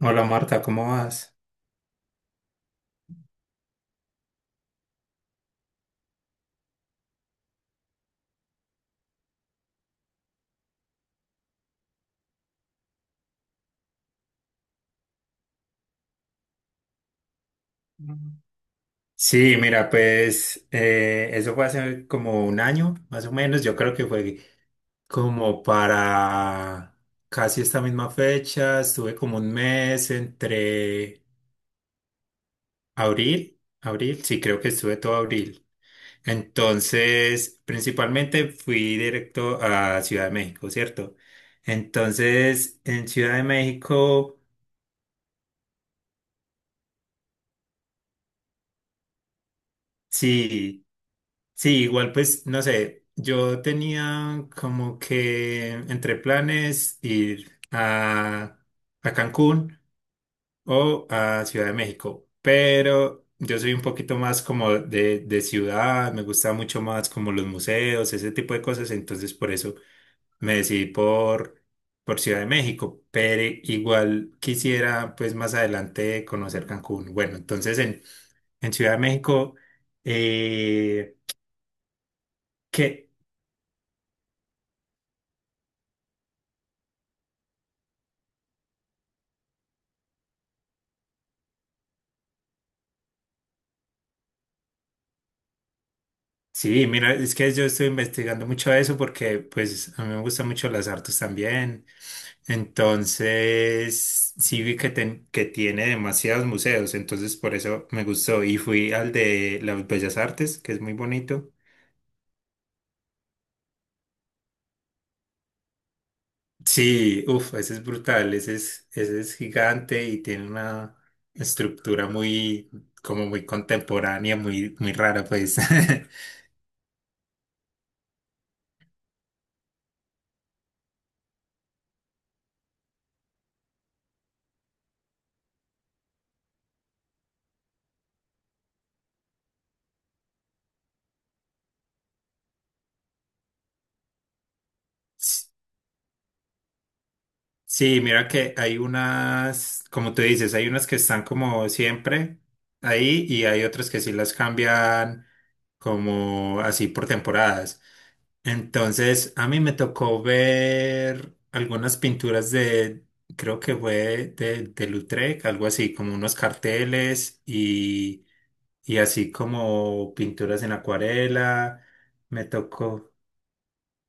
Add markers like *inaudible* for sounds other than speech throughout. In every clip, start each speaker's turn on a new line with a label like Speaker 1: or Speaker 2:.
Speaker 1: Hola Marta, ¿cómo vas? Mm. Sí, mira, pues eso fue hace como un año, más o menos. Yo creo que fue como para casi esta misma fecha. Estuve como un mes entre abril, sí, creo que estuve todo abril. Entonces, principalmente fui directo a Ciudad de México, ¿cierto? Entonces, en Ciudad de México, sí. Sí, igual pues, no sé, yo tenía como que entre planes ir a Cancún o a Ciudad de México, pero yo soy un poquito más como de ciudad, me gusta mucho más como los museos, ese tipo de cosas, entonces por eso me decidí por Ciudad de México, pero igual quisiera pues más adelante conocer Cancún. Bueno, entonces en Ciudad de México, eh, ¿qué? Sí, mira, es que yo estoy investigando mucho eso porque pues a mí me gustan mucho las artes también. Entonces, sí vi que tiene demasiados museos, entonces por eso me gustó y fui al de las Bellas Artes, que es muy bonito. Sí, uff, ese es brutal, ese es gigante y tiene una estructura muy, como muy contemporánea, muy, muy rara, pues. *laughs* Sí, mira que hay unas, como tú dices, hay unas que están como siempre ahí y hay otras que sí las cambian como así por temporadas. Entonces, a mí me tocó ver algunas pinturas creo que fue de Lautrec, algo así, como unos carteles y así como pinturas en acuarela. Me tocó.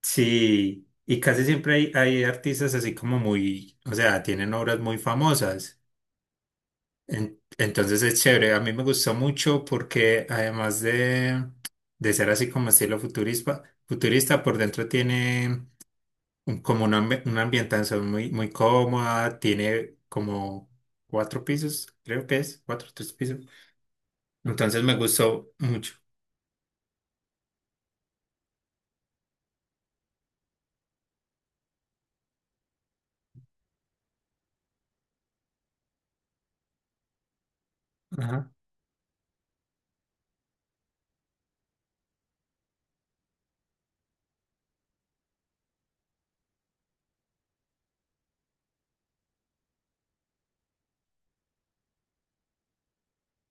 Speaker 1: Sí, y casi siempre hay artistas así como muy, o sea, tienen obras muy famosas. Entonces es chévere. A mí me gustó mucho porque además de ser así como estilo futurista, futurista por dentro tiene como una, una ambientación muy, muy cómoda, tiene como cuatro pisos, creo que es, cuatro, tres pisos. Entonces me gustó mucho. Ajá.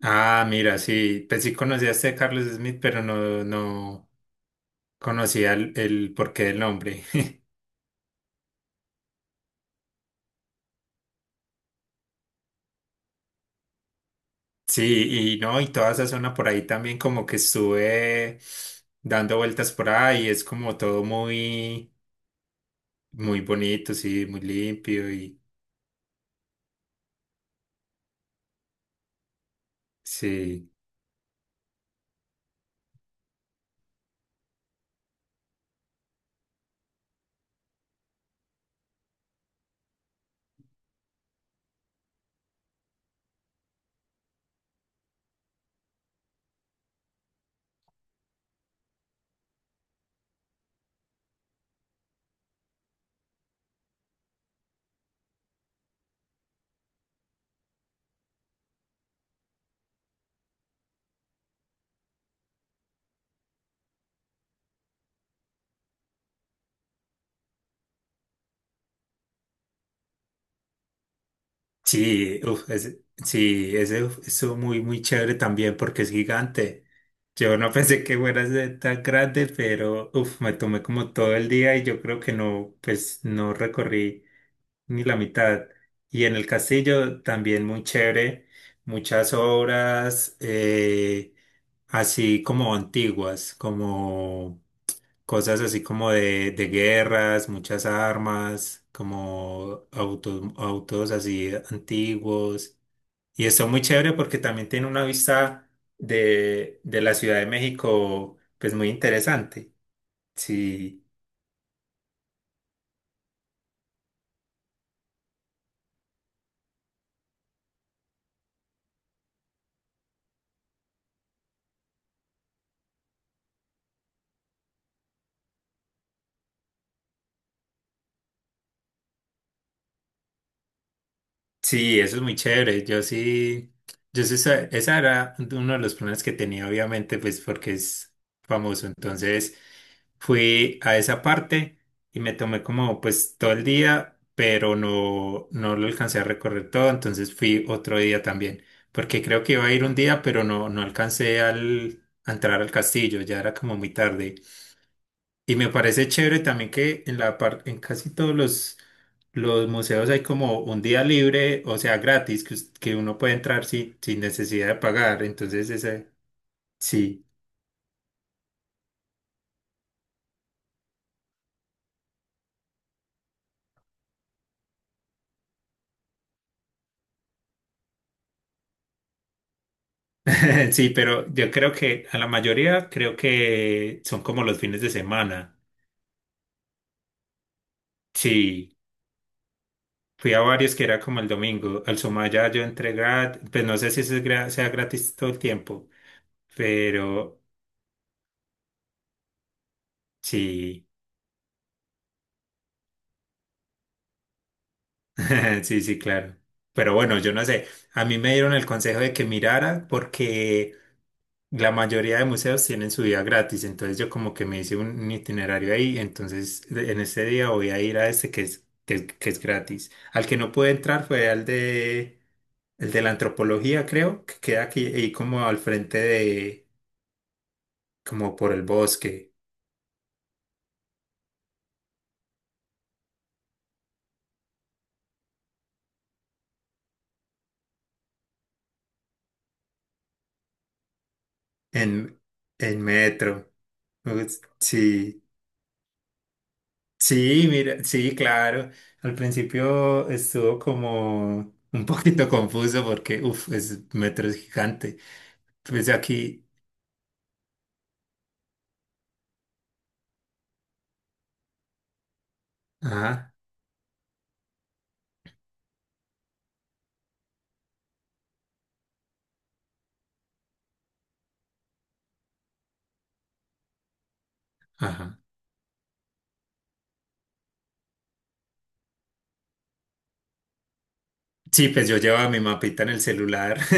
Speaker 1: Ah, mira, sí, pues sí conocí a este Carlos Smith, pero no, no. Conocía el porqué del nombre. *laughs* Sí, y no, y toda esa zona por ahí también como que estuve dando vueltas por ahí, es como todo muy, muy bonito, sí, muy limpio y sí. Sí, uf, sí, ese uf, estuvo muy, muy chévere también porque es gigante. Yo no *laughs* pensé que fuera a ser tan grande, pero uf, me tomé como todo el día y yo creo que no, pues no recorrí ni la mitad. Y en el castillo también muy chévere, muchas obras así como antiguas, como cosas así como de guerras, muchas armas, como autos, autos así antiguos. Y está muy chévere porque también tiene una vista de la Ciudad de México, pues muy interesante. Sí. Sí, eso es muy chévere. Yo sí, esa era uno de los planes que tenía, obviamente, pues porque es famoso. Entonces fui a esa parte y me tomé como pues todo el día, pero no, no lo alcancé a recorrer todo. Entonces fui otro día también, porque creo que iba a ir un día, pero no, no alcancé a entrar al castillo, ya era como muy tarde. Y me parece chévere también que en en casi todos los museos hay como un día libre, o sea, gratis, que uno puede entrar sin, sin necesidad de pagar. Entonces, ese, sí, *laughs* sí, pero yo creo que a la mayoría creo que son como los fines de semana. Sí, fui a varios que era como el domingo. Al Sumaya yo entré gratis, pues no sé si ese es sea gratis todo el tiempo, pero sí. *laughs* Sí, sí, claro. Pero bueno, yo no sé. A mí me dieron el consejo de que mirara porque la mayoría de museos tienen su día gratis. Entonces yo como que me hice un itinerario ahí. Entonces en ese día voy a ir a este que es, que, es que es gratis. Al que no pude entrar fue al de, el de la antropología, creo, que queda aquí ahí como al frente de, como por el bosque, en, en metro. Ups. Sí. Sí, mira, sí, claro. Al principio estuvo como un poquito *laughs* confuso porque, uff, es metro es gigante. Pues aquí, ajá, ajá. Sí, pues yo llevaba mi mapita en el celular. *laughs*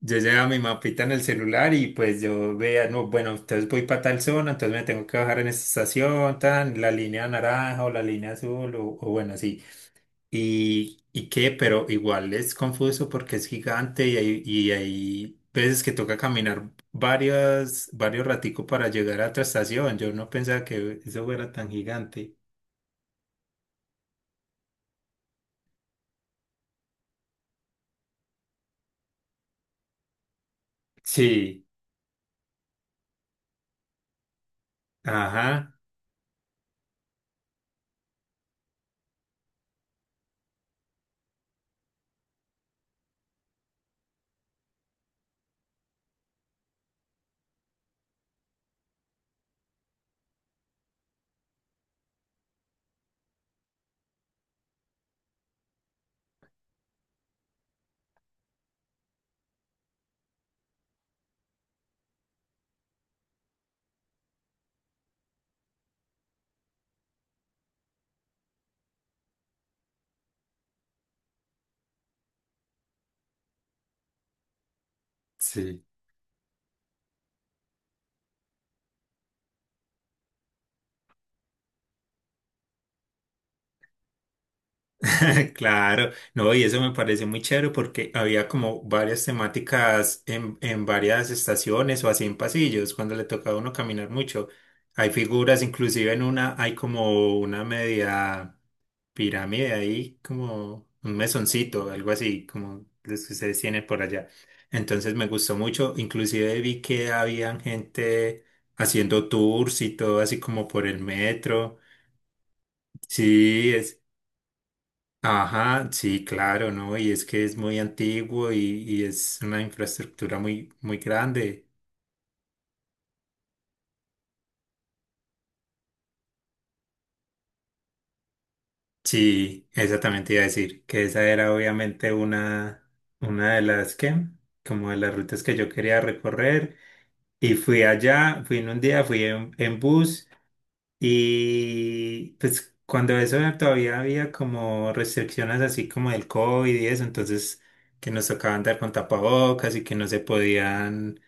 Speaker 1: Yo llevaba mi mapita en el celular y pues yo veía, no, bueno, entonces voy para tal zona, entonces me tengo que bajar en esta estación, tan, la línea naranja o la línea azul o bueno, así. Y qué? Pero igual es confuso porque es gigante y hay veces que toca caminar varias, varios raticos para llegar a otra estación. Yo no pensaba que eso fuera tan gigante. Sí, ajá, sí. *laughs* Claro, no, y eso me parece muy chévere porque había como varias temáticas en varias estaciones o así en pasillos, cuando le tocaba a uno caminar mucho. Hay figuras, inclusive en una hay como una media pirámide ahí, como un mesoncito, algo así, como los que ustedes tienen por allá. Entonces me gustó mucho, inclusive vi que habían gente haciendo tours y todo así como por el metro. Sí, es. Ajá, sí, claro, ¿no? Y es que es muy antiguo y es una infraestructura muy, muy grande. Sí, exactamente iba a decir, que esa era obviamente una de las que, como de las rutas que yo quería recorrer. Y fui allá, fui en un día, fui en bus y pues cuando eso todavía había como restricciones así como del COVID y eso, entonces que nos tocaba andar con tapabocas y que no se podían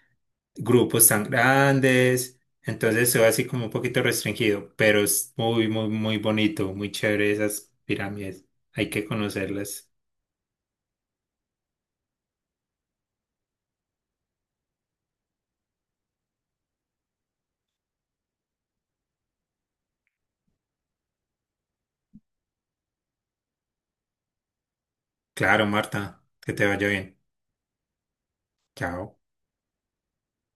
Speaker 1: grupos tan grandes, entonces se ve así como un poquito restringido, pero es muy, muy, muy bonito, muy chévere esas pirámides. Hay que conocerlas. Claro, Marta, que te vaya bien. Chao.